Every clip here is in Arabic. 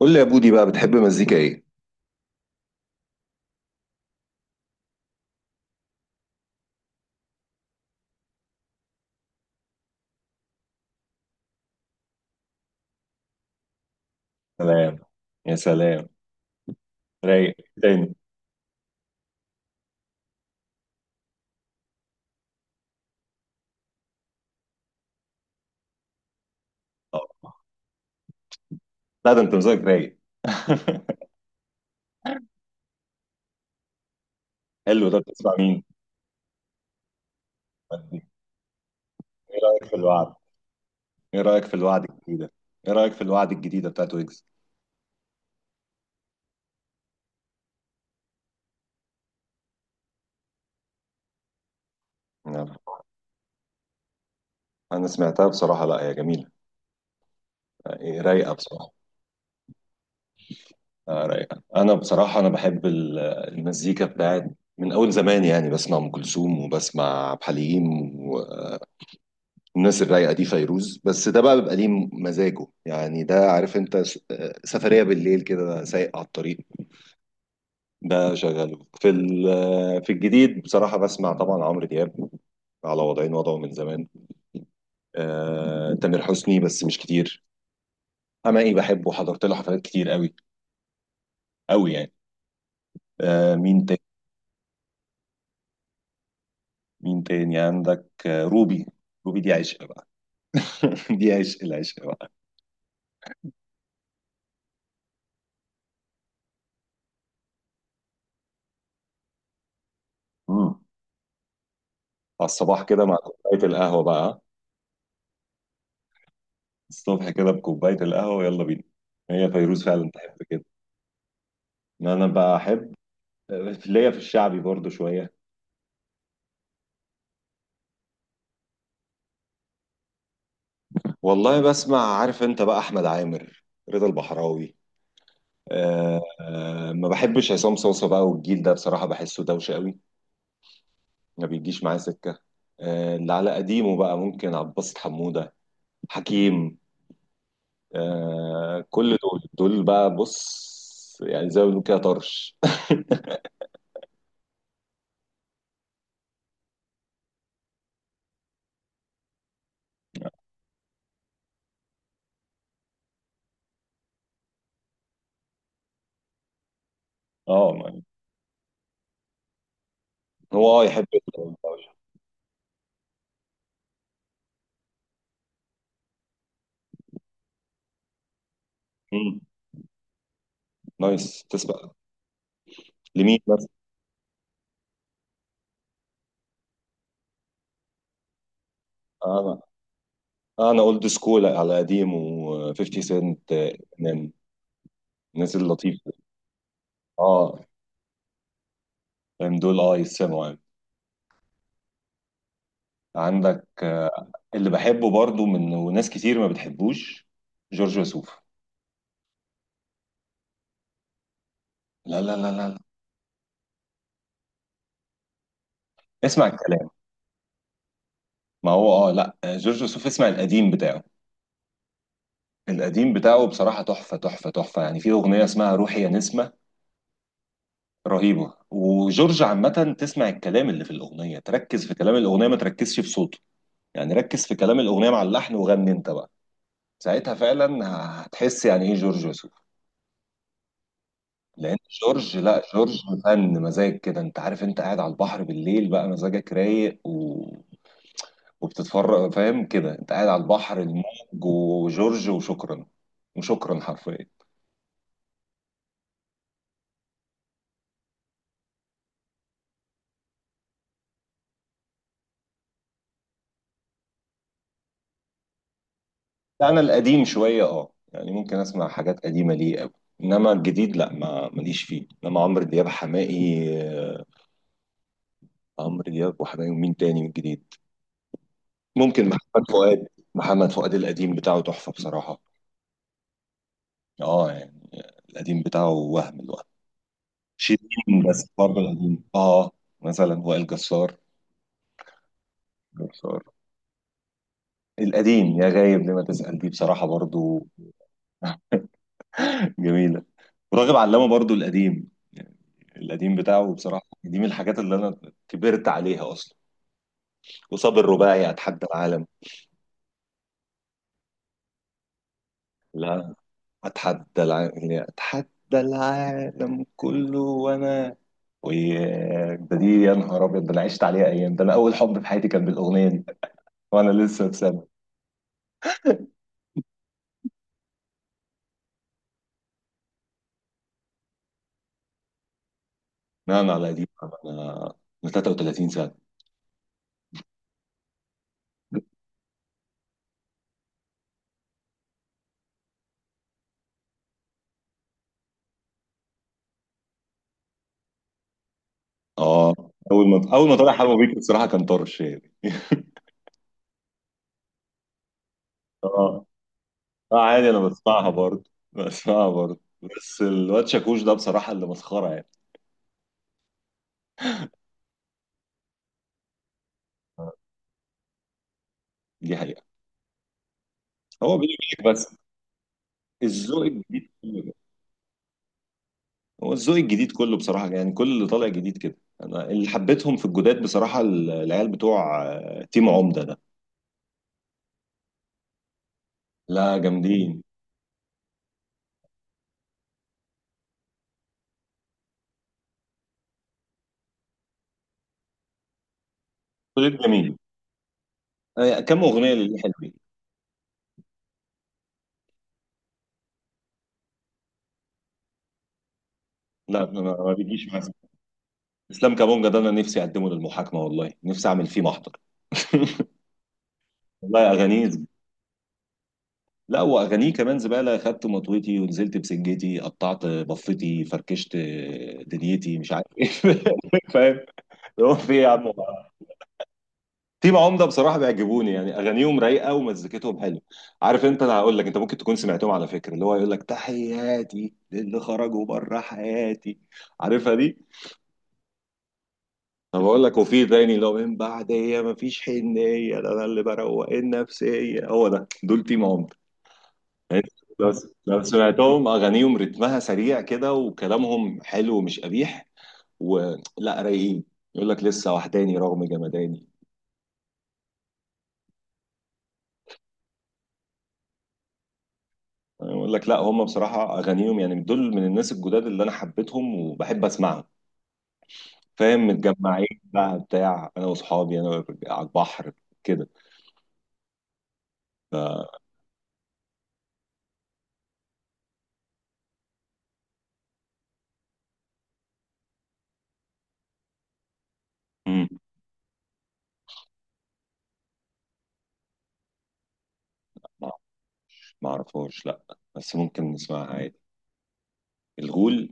قول لي يا بودي بقى بتحب مزيكا ايه؟ سلام. يا سلام. رايق تاني. اه، لا ده انت مزاجك رايق. حلو ده، بتسمع مين؟ ايه رايك في الوعد؟ ايه رايك في الوعد الجديده؟ ايه رايك في الوعد الجديده بتاعت ويجز؟ نعم. انا سمعتها بصراحه، لا هي جميله. إيه، رايقه بصراحه. آه رايقه، انا بصراحه انا بحب ال- المزيكا بتاعت من اول زمان، يعني بسمع ام كلثوم وبسمع عبد الحليم، الناس الرايقه دي، فيروز. بس ده بقى بيبقى ليه مزاجه، يعني ده عارف انت سفريه بالليل كده سايق على الطريق. ده شغاله في في الجديد بصراحه بسمع طبعا عمرو دياب، على وضعين وضعه من زمان. آه، تامر حسني بس مش كتير. حماقي بحبه، حضرت له حفلات كتير قوي، قوي يعني. آه، مين تاني، مين تاني عندك؟ آه، روبي، روبي دي عشق بقى. دي عشق العشق بقى. مم. على الصباح كده مع كوبايه القهوه بقى، الصبح كده بكوباية القهوة يلا بينا، هي فيروز فعلا تحب كده. ما انا بحب ليا في الشعبي برضو شوية. والله بسمع عارف انت بقى احمد عامر، رضا البحراوي. أه أه، ما بحبش عصام صوصة بقى والجيل ده بصراحة بحسه دوشة قوي، ما بيجيش معايا سكة. أه، اللي على قديمه بقى ممكن عبد الباسط حمودة، حكيم. أه كل دول، دول بقى بص، يعني زي ما بنقول كده طرش. اه ما- هو اه يحب الدوشة. مم. نايس، تسمع لمين مثلا؟ انا، انا اولد سكول على قديم، و50 سنت، من الناس اللطيفه. اه فاهم، دول اه يسمعوا يعني. عندك آه، اللي بحبه برضو من وناس كتير ما بتحبوش، جورج وسوف. لا لا لا لا لا. اسمع الكلام. ما هو اه لا آه، جورج وسوف اسمع القديم بتاعه، القديم بتاعه بصراحة تحفة تحفة تحفة يعني. في أغنية اسمها روحي يا نسمة، رهيبة. وجورج عامة تسمع الكلام اللي في الأغنية، تركز في كلام الأغنية ما تركزش في صوته، يعني ركز في كلام الاغنيه مع اللحن وغني انت بقى، ساعتها فعلا هتحس يعني ايه جورج وسوف. لان جورج، لا جورج فن مزاج كده، انت عارف انت قاعد على البحر بالليل بقى مزاجك رايق وبتتفرج، فاهم كده انت قاعد على البحر، الموج، وجورج، وشكرا. وشكرا حرفيا. لا، انا القديم شويه اه يعني ممكن اسمع حاجات قديمه ليه قوي، انما الجديد لا ما ماليش فيه. انما عمرو دياب حماقي، آه، عمرو دياب وحماقي. ومين تاني من الجديد؟ ممكن محمد فؤاد. محمد فؤاد القديم بتاعه تحفة بصراحة، اه يعني. القديم بتاعه، وهم الوهم. شيرين بس برضه القديم، اه. مثلا وائل جسار، جسار. القديم يا غايب لما تسأل دي بصراحة برضه. جميلة. وراغب علامة برضه القديم يعني، القديم بتاعه بصراحة دي من الحاجات اللي أنا كبرت عليها أصلا. وصاب الرباعي، أتحدى العالم. لا، أتحدى العالم، أتحدى العالم كله وأنا. وده دي يا نهار ابيض، ده انا عشت عليها ايام، ده انا اول حب في حياتي كان بالاغنيه دي، وانا لسه في سنه. لا انا على دي انا، من 33 سنه. اه، اول ما طلع حلوه بيك الصراحه كان طرش يعني. اه، اه عادي انا بسمعها برضه، بسمعها برضه. بس الواد شاكوش ده بصراحه اللي مسخره يعني، دي حقيقه. هو بيني وبينك بس، الذوق الجديد كله كده. هو الذوق الجديد كله بصراحه، يعني كل اللي طالع جديد كده. انا اللي حبيتهم في الجداد بصراحه العيال بتوع آه، تيم عمده. لا جامدين، كلهم جميل. آه، كم اغنيه اللي حلوين. لا ما بيجيش مع اسلام كابونجا ده، انا نفسي اقدمه للمحاكمه، والله نفسي اعمل فيه محضر. والله اغانيه ز- لا واغانيه كمان زباله، خدت مطويتي ونزلت بسجتي، قطعت بفتي فركشت دنيتي مش عارف ايه. فاهم، هو في إيه يا عم؟ تيم عمده بصراحه بيعجبوني، يعني اغانيهم رايقه ومزيكتهم حلوه. عارف انت، انا هقول لك، انت ممكن تكون سمعتهم على فكره، اللي هو يقول لك تحياتي للي خرجوا بره حياتي، عارفها دي؟ انا بقول لك، وفي تاني لو من بعد هي مفيش حنيه، ده انا اللي بروق النفسيه، هو ده، دول تيم عمر. انت لو، لو سمعتهم اغانيهم رتمها سريع كده وكلامهم حلو ومش قبيح، ولا رايقين، يقول لك لسه وحداني رغم جمداني. أنا بقول لك لا، هم بصراحه اغانيهم يعني دول من الناس الجداد اللي انا حبيتهم وبحب اسمعهم، فاهم؟ متجمعين بقى بتاع انا واصحابي انا على البحر كده. مم. ما اعرفهاش لا، بس ممكن نسمعها عادي. الغول،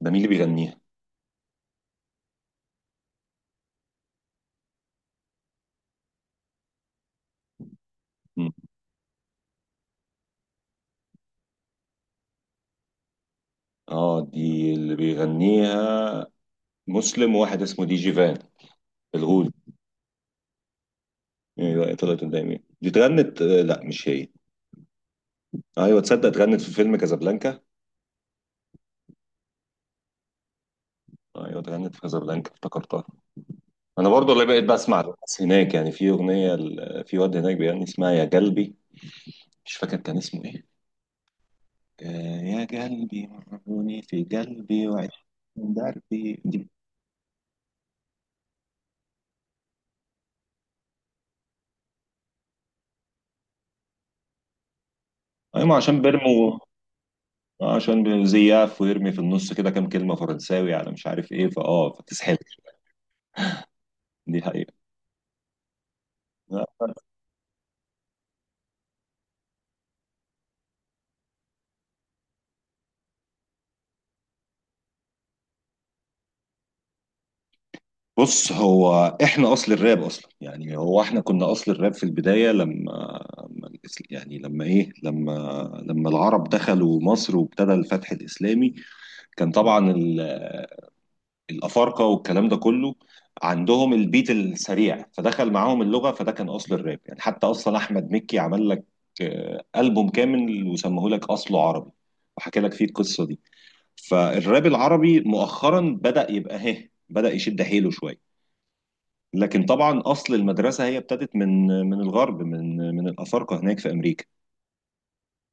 ده مين اللي بيغنيها؟ مم. اه دي اللي بيغنيها مسلم وواحد اسمه دي جي فان، الغول. ايوه طلعت قدامي، دي اتغنت آه، لا مش هي. ايوه تصدق اتغنت في فيلم كازابلانكا، ايوه اتغنت في كازابلانكا، افتكرتها. انا برضو اللي بقيت بسمع الناس هناك، يعني في اغنيه في واد هناك بيغني اسمها يا قلبي، مش فاكر كان اسمه ايه، آه، يا قلبي مرهوني في قلبي وعيش من دربي دي. ايوه ما عشان بيرمو آه، عشان زياف ويرمي في النص كده كام كلمة فرنساوي على مش عارف ايه فاه فتسحب، دي حقيقة. لا. بص هو، احنا اصل الراب اصلا، يعني هو احنا كنا اصل الراب في البداية لما، لما الإس- يعني لما ايه لما لما العرب دخلوا مصر وابتدى الفتح الاسلامي، كان طبعا الافارقه والكلام ده كله عندهم البيت السريع، فدخل معاهم اللغه، فده كان اصل الراب يعني. حتى اصلا احمد مكي عمل لك آه، البوم كامل وسموه لك اصله عربي، وحكى لك فيه القصه دي. فالراب العربي مؤخرا بدا يبقى، هه، بدا يشد حيله شويه، لكن طبعا اصل المدرسه هي ابتدت من الغرب، من الافارقه هناك في امريكا.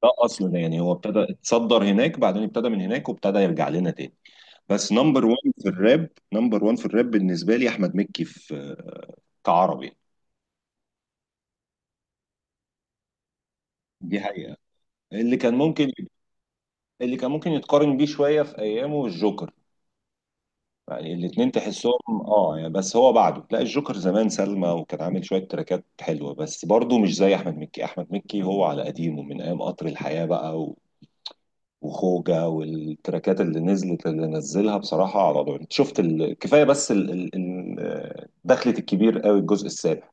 ده اصلنا يعني، هو ابتدى اتصدر هناك، بعدين ابتدى من هناك وابتدى يرجع لنا تاني. بس نمبر 1 في الراب، نمبر 1 في الراب بالنسبه لي احمد مكي، في كعربي. دي حقيقه. اللي كان ممكن، اللي كان ممكن يتقارن بيه شويه في ايامه الجوكر، يعني الاثنين تحسهم اه يعني. بس هو بعده لا، الجوكر زمان سلمى وكان عامل شويه تراكات حلوه، بس برضه مش زي احمد مكي. احمد مكي هو على قديمه من ايام قطر الحياه بقى وخوجة، والتراكات اللي نزلت، اللي نزلها بصراحة على ضوء، انت شفت كفاية بس دخلة الكبير قوي الجزء السابع،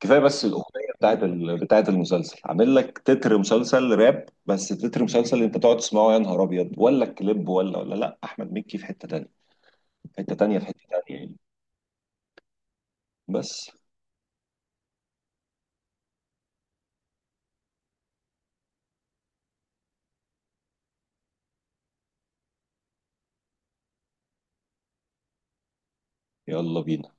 كفايه بس الاغنيه بتاعت بتاعت المسلسل، عامل لك تتر مسلسل راب، بس تتر مسلسل انت تقعد تسمعه يا نهار ابيض، ولا الكليب، ولا لا احمد مكي في حته تانيه، في حته تانيه، في حته تانيه يعني. بس يلا بينا.